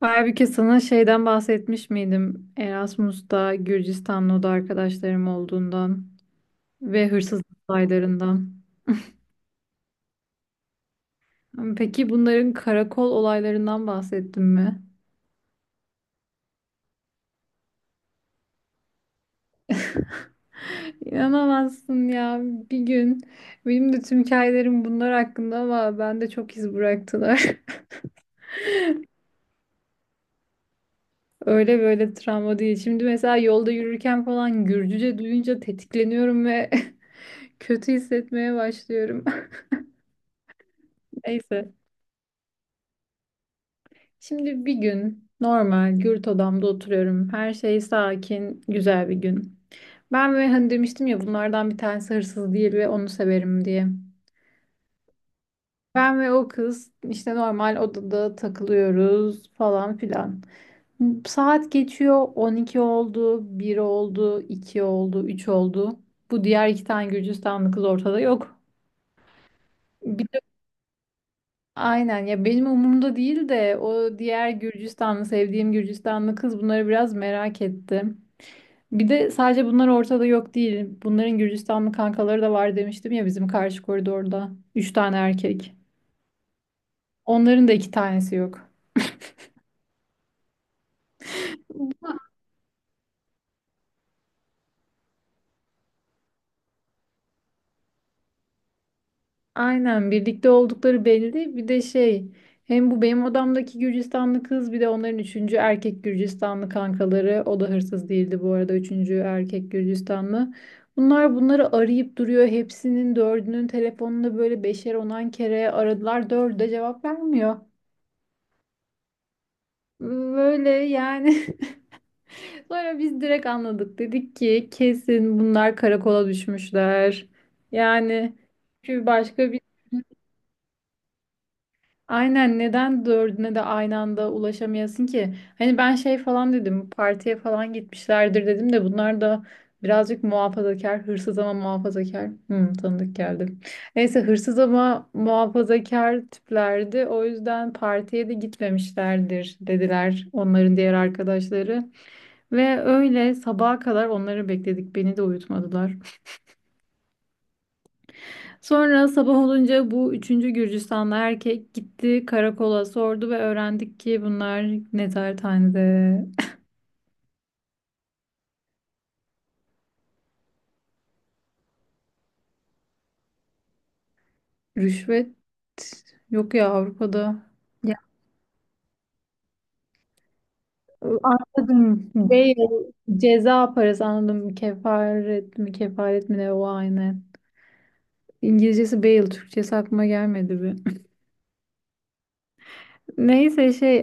Halbuki sana şeyden bahsetmiş miydim? Erasmus'ta Gürcistanlı'da arkadaşlarım olduğundan ve hırsızlık olaylarından. Peki bunların karakol olaylarından bahsettim mi? İnanamazsın ya. Bir gün benim de tüm hikayelerim bunlar hakkında ama ben de çok iz bıraktılar. Öyle böyle travma değil. Şimdi mesela yolda yürürken falan Gürcüce duyunca tetikleniyorum ve kötü hissetmeye başlıyorum. Neyse. Şimdi bir gün normal gürt odamda oturuyorum. Her şey sakin, güzel bir gün. Ben ve hani demiştim ya bunlardan bir tanesi hırsız değil ve onu severim diye. Ben ve o kız işte normal odada takılıyoruz falan filan. Saat geçiyor 12 oldu, 1 oldu, 2 oldu, 3 oldu. Bu diğer iki tane Gürcistanlı kız ortada yok. Bir de aynen ya benim umurumda değil de o diğer Gürcistanlı sevdiğim Gürcistanlı kız bunları biraz merak etti. Bir de sadece bunlar ortada yok değil. Bunların Gürcistanlı kankaları da var demiştim ya bizim karşı koridorda. Üç tane erkek. Onların da iki tanesi yok. Aynen birlikte oldukları belli. Bir de şey hem bu benim odamdaki Gürcistanlı kız bir de onların üçüncü erkek Gürcistanlı kankaları. O da hırsız değildi bu arada üçüncü erkek Gürcistanlı. Bunlar bunları arayıp duruyor. Hepsinin dördünün telefonunda böyle beşer onan kere aradılar. Dördü de cevap vermiyor. Böyle yani. Sonra biz direkt anladık. Dedik ki kesin bunlar karakola düşmüşler. Yani çünkü başka bir aynen neden dördüne de aynı anda ulaşamayasın ki? Hani ben şey falan dedim partiye falan gitmişlerdir dedim de bunlar da birazcık muhafazakar hırsız ama muhafazakar. Hmm, tanıdık geldi. Neyse hırsız ama muhafazakar tiplerdi. O yüzden partiye de gitmemişlerdir dediler onların diğer arkadaşları. Ve öyle sabaha kadar onları bekledik. Beni de uyutmadılar. Sonra sabah olunca bu üçüncü Gürcistanlı erkek gitti karakola sordu ve öğrendik ki bunlar nezarethanede. Rüşvet yok ya Avrupa'da. Ya, anladım. Ceza parası anladım. Kefaret mi kefaret mi ne o aynı. İngilizcesi bail, Türkçesi aklıma gelmedi bir. Neyse şey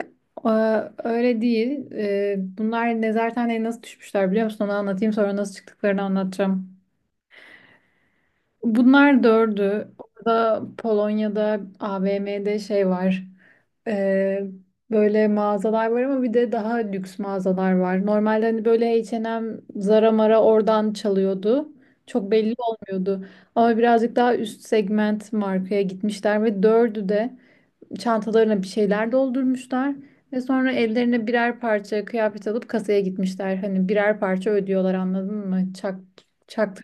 e, öyle değil. Bunlar nezarethaneye nasıl düşmüşler biliyor musun? Onu anlatayım sonra nasıl çıktıklarını anlatacağım. Bunlar dördü. Orada Polonya'da AVM'de şey var. E, Böyle mağazalar var ama bir de daha lüks mağazalar var. Normalde hani böyle H&M, Zara Mara oradan çalıyordu. Çok belli olmuyordu. Ama birazcık daha üst segment markaya gitmişler ve dördü de çantalarına bir şeyler doldurmuşlar ve sonra ellerine birer parça kıyafet alıp kasaya gitmişler. Hani birer parça ödüyorlar anladın mı? Çaktı.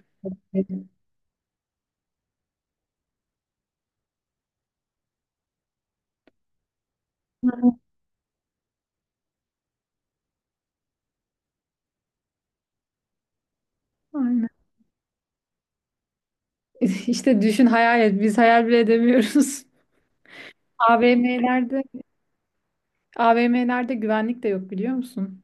Aynen. İşte düşün hayal et. Biz hayal bile edemiyoruz. AVM'lerde AVM'lerde güvenlik de yok biliyor musun?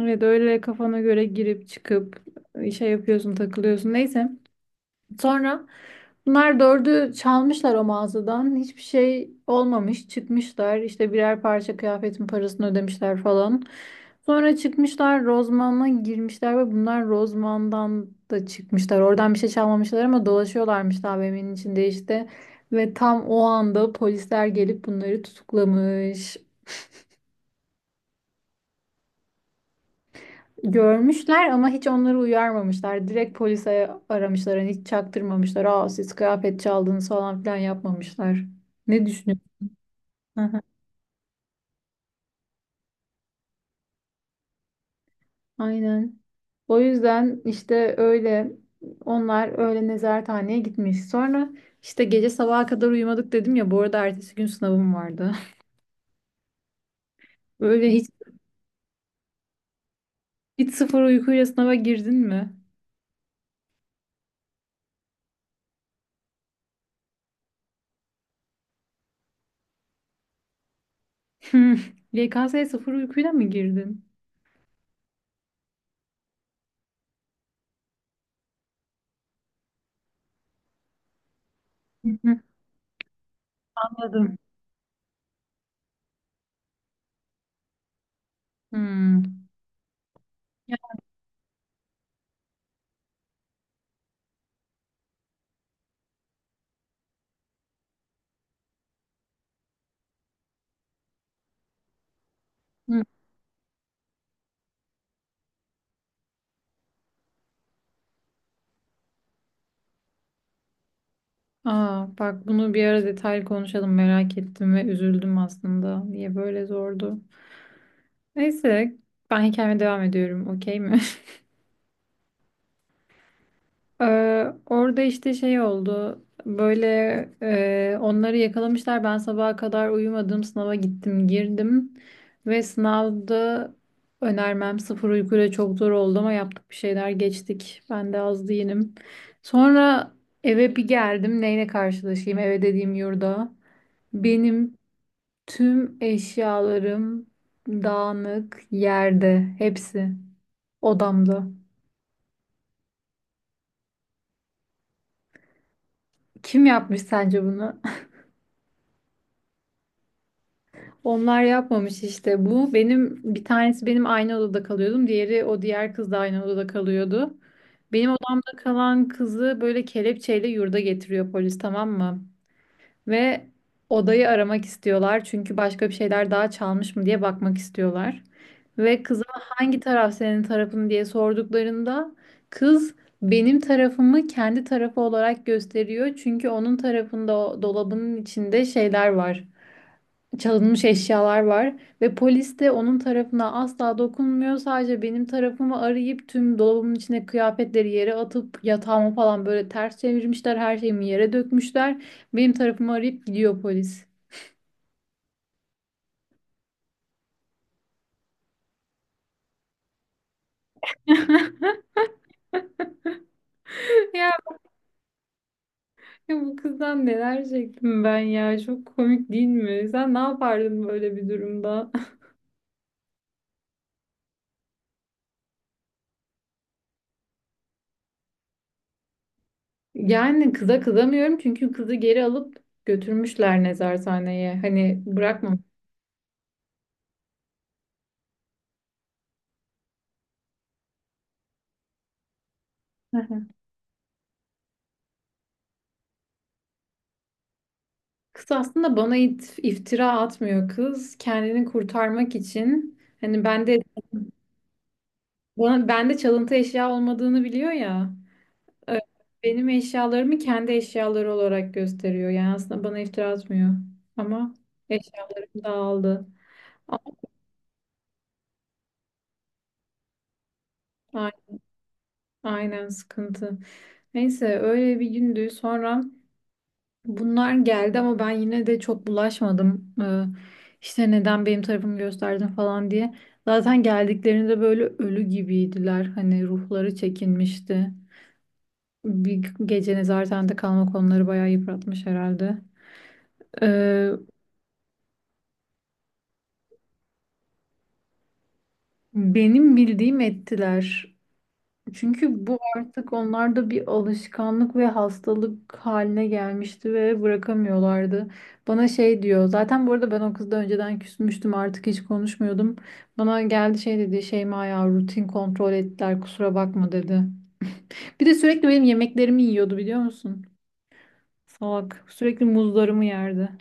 Evet öyle kafana göre girip çıkıp şey yapıyorsun takılıyorsun. Neyse. Sonra bunlar dördü çalmışlar o mağazadan. Hiçbir şey olmamış. Çıkmışlar. İşte birer parça kıyafetin parasını ödemişler falan. Sonra çıkmışlar Rozman'a girmişler ve bunlar Rozman'dan da çıkmışlar. Oradan bir şey çalmamışlar ama dolaşıyorlarmış AVM'nin içinde işte. Ve tam o anda polisler gelip bunları tutuklamış. Görmüşler ama hiç onları uyarmamışlar. Direkt polise aramışlar. Hani hiç çaktırmamışlar. Aa, siz kıyafet çaldınız falan filan yapmamışlar. Ne düşünüyorsun? Aha. Aynen. O yüzden işte öyle onlar öyle nezarethaneye gitmiş. Sonra işte gece sabaha kadar uyumadık dedim ya. Bu arada ertesi gün sınavım vardı. Böyle hiç, hiç sıfır uykuyla sınava girdin mi? YKS'ye sıfır uykuyla mı girdin? Hı hı. Anladım. Hmm. Ya. Hı. Aa, bak bunu bir ara detaylı konuşalım merak ettim ve üzüldüm aslında. Niye böyle zordu? Neyse ben hikayeme devam ediyorum, okey mi? Orada işte şey oldu. Böyle onları yakalamışlar. Ben sabaha kadar uyumadım. Sınava gittim girdim. Ve sınavda önermem sıfır uykuyla çok zor oldu ama yaptık bir şeyler geçtik. Ben de az değilim. Sonra eve bir geldim. Neyle karşılaşayım? Eve dediğim yurda. Benim tüm eşyalarım dağınık yerde, hepsi odamda. Kim yapmış sence bunu? Onlar yapmamış işte. Bu benim bir tanesi benim aynı odada kalıyordum. Diğeri o diğer kız da aynı odada kalıyordu. Benim odamda kalan kızı böyle kelepçeyle yurda getiriyor polis, tamam mı? Ve odayı aramak istiyorlar çünkü başka bir şeyler daha çalmış mı diye bakmak istiyorlar. Ve kıza hangi taraf senin tarafın diye sorduklarında kız benim tarafımı kendi tarafı olarak gösteriyor. Çünkü onun tarafında o dolabının içinde şeyler var, çalınmış eşyalar var ve polis de onun tarafına asla dokunmuyor. Sadece benim tarafımı arayıp tüm dolabımın içine kıyafetleri yere atıp yatağımı falan böyle ters çevirmişler. Her şeyimi yere dökmüşler. Benim tarafımı arayıp gidiyor polis. Ya, bu kızdan neler çektim ben ya. Çok komik değil mi? Sen ne yapardın böyle bir durumda? Yani kıza kızamıyorum çünkü kızı geri alıp götürmüşler nezarethaneye. Hani bırakmam. Kız aslında bana iftira atmıyor kız. Kendini kurtarmak için hani bana bende çalıntı eşya olmadığını biliyor ya. Ö- Benim eşyalarımı kendi eşyaları olarak gösteriyor. Yani aslında bana iftira atmıyor. Ama eşyalarım dağıldı. A- Aynen, sıkıntı. Neyse öyle bir gündü. Sonra bunlar geldi ama ben yine de çok bulaşmadım. İşte neden benim tarafımı gösterdin falan diye. Zaten geldiklerinde böyle ölü gibiydiler. Hani ruhları çekinmişti. Bir gece nezarette kalmak onları bayağı yıpratmış herhalde. Ee, benim bildiğim ettiler. Çünkü bu artık onlarda bir alışkanlık ve hastalık haline gelmişti ve bırakamıyorlardı. Bana şey diyor. Zaten bu arada ben o kızla önceden küsmüştüm. Artık hiç konuşmuyordum. Bana geldi şey dedi. Şeyma ya, rutin kontrol ettiler. Kusura bakma dedi. Bir de sürekli benim yemeklerimi yiyordu biliyor musun? Salak. Sürekli muzlarımı yerdi.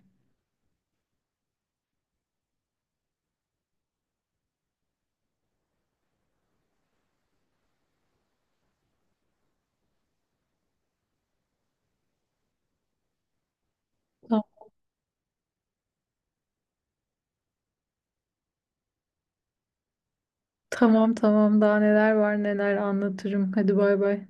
Tamam, tamam, tamam. Daha neler var neler anlatırım. Hadi bay bay.